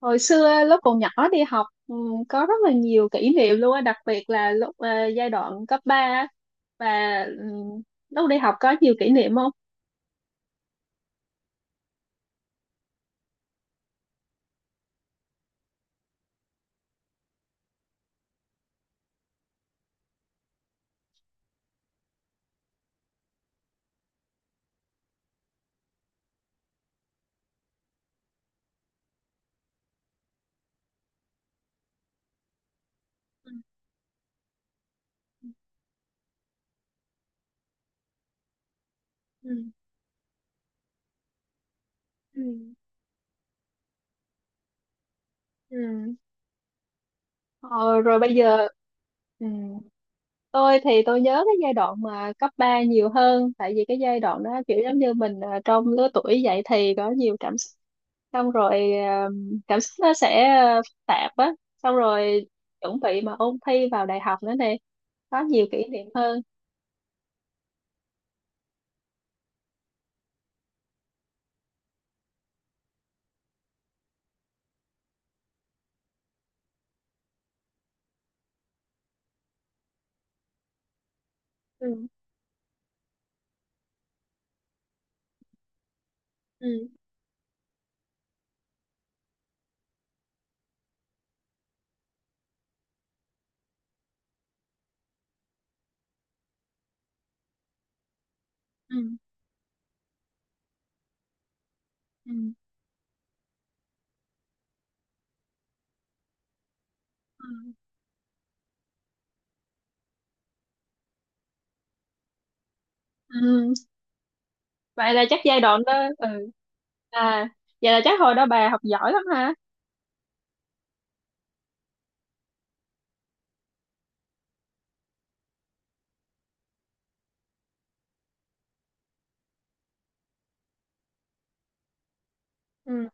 Hồi xưa lúc còn nhỏ đi học, có rất là nhiều kỷ niệm luôn á, đặc biệt là lúc giai đoạn cấp 3 á. Và ừ, lúc đi học có nhiều kỷ niệm không? Ừ. Ừ. Ừ. Ừ. Ờ, rồi bây giờ. Ừ. Tôi thì tôi nhớ cái giai đoạn mà cấp 3 nhiều hơn, tại vì cái giai đoạn đó kiểu giống như mình trong lứa tuổi dậy thì có nhiều cảm xúc. Xong rồi cảm xúc nó sẽ phức tạp á, xong rồi chuẩn bị mà ôn thi vào đại học nữa nè, có nhiều kỷ niệm hơn. Ừ. Ừ. Ừ. Ừ. Ừ. Ừ. Vậy là chắc giai đoạn đó. Ừ. À, vậy là chắc hồi đó bà học giỏi lắm ha. Ừ.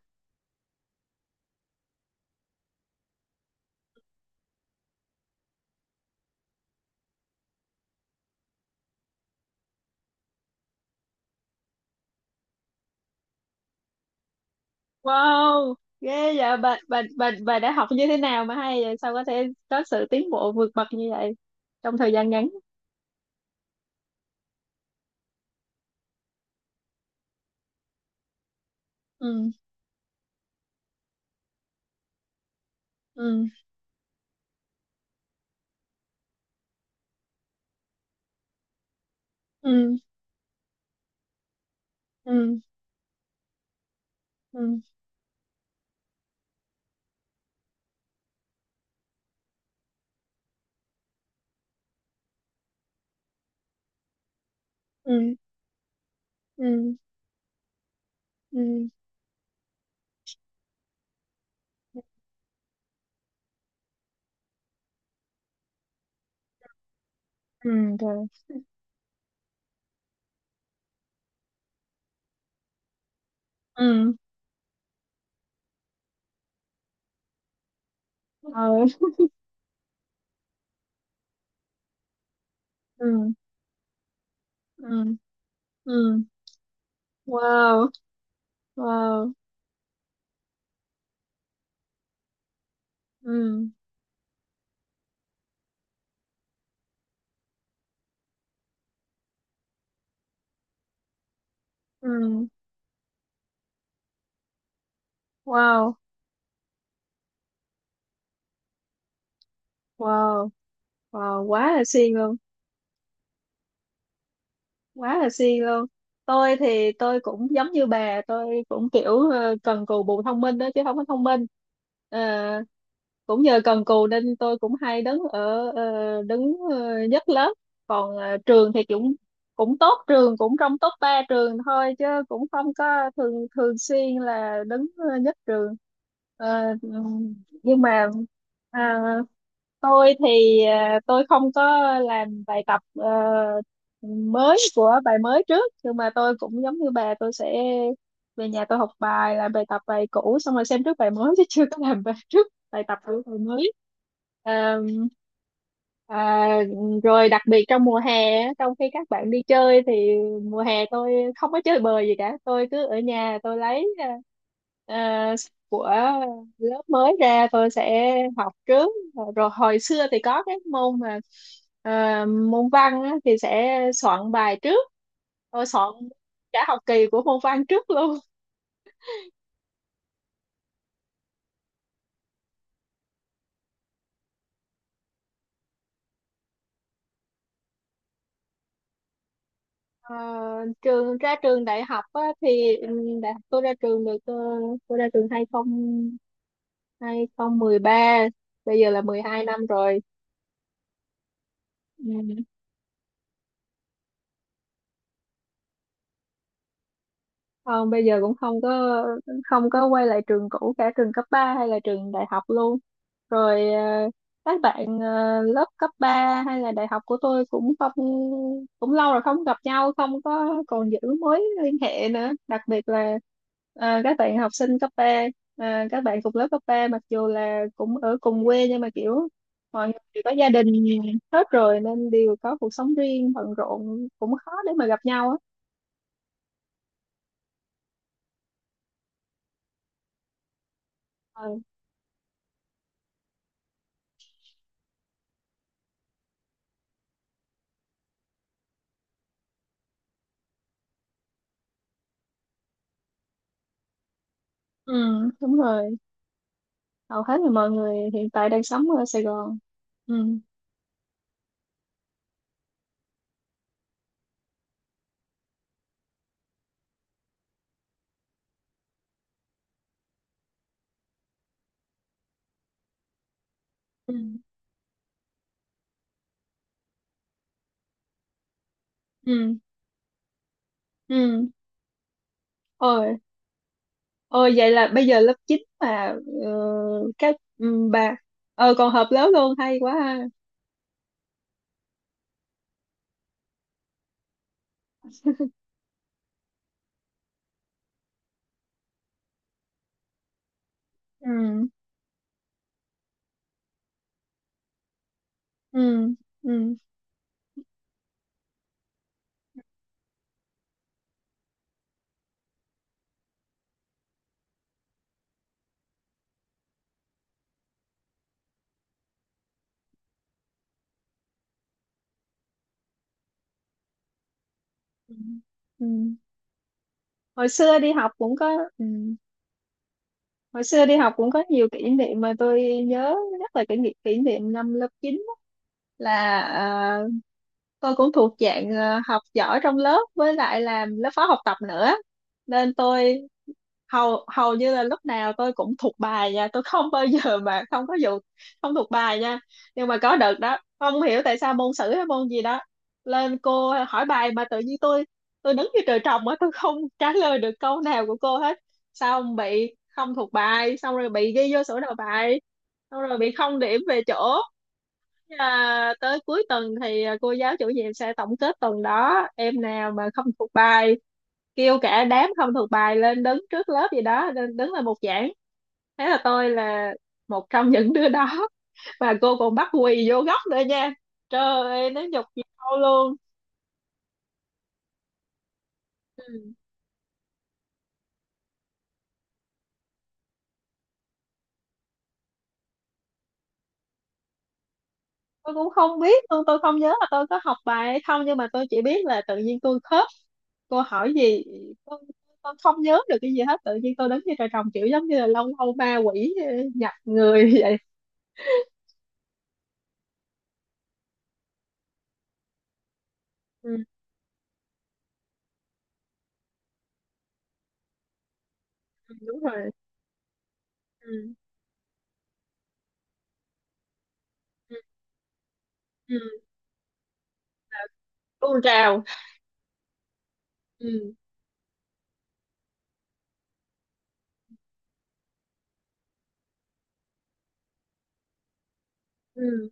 Wow, ghê vậy. Bà đã học như thế nào mà hay vậy? Sao có thể có sự tiến bộ vượt bậc như vậy trong thời gian ngắn? Ừ. Ừ. Ừ. Ừ. Ừ. Ừ. Ừ. Ừ. Ừ. Rồi. Ừ. Ừ. Ừ. Ừ. Ừ. Wow. Wow. Ừ. Ừ. Wow. Wow. Wow, quá là siêng luôn. Quá là siêng luôn. Tôi thì tôi cũng giống như bà, tôi cũng kiểu cần cù bù thông minh đó, chứ không có thông minh. Ờ, cũng nhờ cần cù nên tôi cũng hay đứng ở đứng nhất lớp. Còn trường thì cũng cũng tốt, trường cũng trong top 3 trường thôi, chứ cũng không có thường thường xuyên là đứng nhất trường. Ờ, nhưng mà à, tôi thì tôi không có làm bài tập mới của bài mới trước, nhưng mà tôi cũng giống như bà, tôi sẽ về nhà tôi học bài làm bài tập bài cũ xong rồi xem trước bài mới chứ chưa có làm bài trước bài tập của bài mới. Ờ, À, rồi đặc biệt trong mùa hè á, trong khi các bạn đi chơi thì mùa hè tôi không có chơi bời gì cả, tôi cứ ở nhà tôi lấy à, của lớp mới ra tôi sẽ học trước. Rồi, rồi hồi xưa thì có cái môn mà à, môn văn á, thì sẽ soạn bài trước. Tôi soạn cả học kỳ của môn văn trước luôn. Ờ, trường ra trường đại học á, thì đại học tôi ra trường được tôi ra trường 2013, bây giờ là 12 năm rồi. Ừ. Không, bây giờ cũng không có không có quay lại trường cũ, cả trường cấp 3 hay là trường đại học luôn. Rồi các bạn lớp cấp 3 hay là đại học của tôi cũng không, cũng lâu rồi không gặp nhau, không có còn giữ mối liên hệ nữa. Đặc biệt là các bạn học sinh cấp ba, các bạn cùng lớp cấp 3 mặc dù là cũng ở cùng quê nhưng mà kiểu mọi người đều có gia đình hết rồi nên đều có cuộc sống riêng bận rộn, cũng khó để mà gặp nhau á. Ừ, Ừ, đúng rồi. Hầu hết là mọi người hiện tại đang sống ở Sài Gòn. Ừ. Ừ. Ừ. Ừ. Ôi. Ôi, vậy là bây giờ lớp 9 mà ờ, các bà còn họp lớp luôn, hay quá ha. Ừ. Ừ. Ừ. Ừ. Ừ. Hồi xưa đi học cũng có. Ừ. Hồi xưa đi học cũng có nhiều kỷ niệm mà tôi nhớ rất là, kỷ niệm năm lớp 9 á, là tôi cũng thuộc dạng học giỏi trong lớp, với lại làm lớp phó học tập nữa nên tôi hầu hầu như là lúc nào tôi cũng thuộc bài nha, tôi không bao giờ mà không có vụ không thuộc bài nha. Nhưng mà có đợt đó không hiểu tại sao môn sử hay môn gì đó lên cô hỏi bài mà tự nhiên tôi đứng như trời trồng á, tôi không trả lời được câu nào của cô hết, xong bị không thuộc bài, xong rồi bị ghi vô sổ đầu bài, xong rồi bị không điểm về chỗ. Tới cuối tuần thì cô giáo chủ nhiệm sẽ tổng kết tuần đó em nào mà không thuộc bài, kêu cả đám không thuộc bài lên đứng trước lớp gì đó, lên đứng là một giảng. Thế là tôi là một trong những đứa đó, và cô còn bắt quỳ vô góc nữa nha. Trời ơi, nó nhục nhau luôn. Ừ. Tôi cũng không biết luôn, tôi không nhớ là tôi có học bài hay không, nhưng mà tôi chỉ biết là tự nhiên tôi khớp, cô hỏi gì tôi, tôi không nhớ được cái gì hết, tự nhiên tôi đứng như trời trồng kiểu giống như là lâu lâu ma quỷ nhập người vậy. Ừ, ừ, đúng rồi. Ừ, ừ, ừ. Tuôn trào. Ừ, ừ,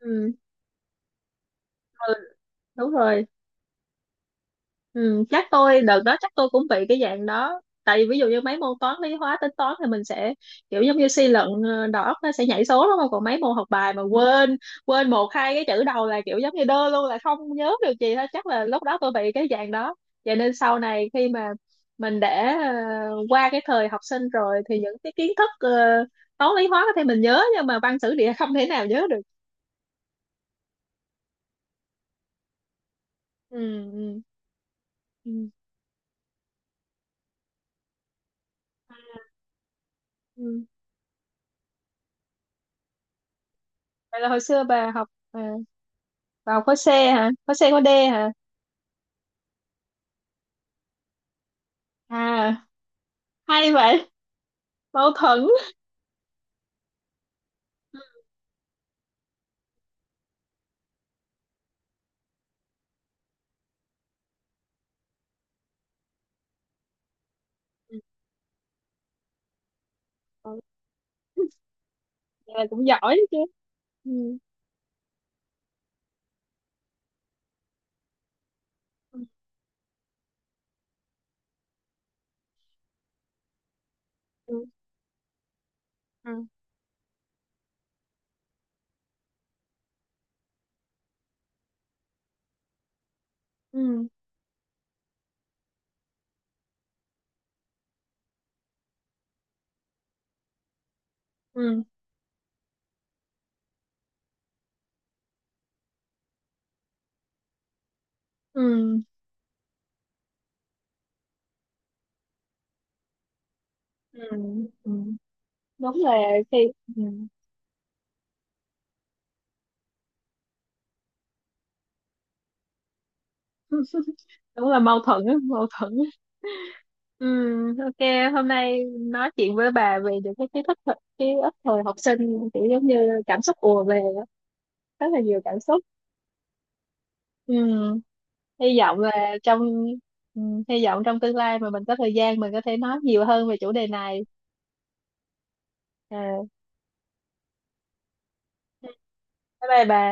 ừ. Ừ, đúng rồi. Ừ, chắc tôi đợt đó chắc tôi cũng bị cái dạng đó, tại vì ví dụ như mấy môn toán lý hóa tính toán thì mình sẽ kiểu giống như suy luận, đầu óc nó sẽ nhảy số đúng không, còn mấy môn học bài mà quên, quên một hai cái chữ đầu là kiểu giống như đơ luôn, là không nhớ được gì hết. Chắc là lúc đó tôi bị cái dạng đó. Vậy nên sau này khi mà mình đã qua cái thời học sinh rồi thì những cái kiến thức toán lý hóa có thể mình nhớ, nhưng mà văn sử địa không thể nào nhớ được. Ừ, ừ, ừ. Ừ. Vậy là hồi xưa bà học vào khối C hả, khối C khối D hả? À, hay vậy. Mâu thuẫn. Ừ, ừ, vậy là cũng giỏi chứ. Ừ. Ừ, ừ, ừ. Ừ. Ừ. Ừ. Ừ. Ừ. Đúng là khi. Ừ. Đúng là mâu thuẫn á, mâu thuẫn á. Ừ, ok hôm nay nói chuyện với bà về những cái kiến thức thời- ký ức thời học sinh kiểu giống như cảm xúc ùa về á. Rất là nhiều cảm xúc. Ừ. Hy vọng là trong. Ừ, hy vọng trong tương lai mà mình có thời gian mình có thể nói nhiều hơn về chủ đề này. Ờ, bye bye bà.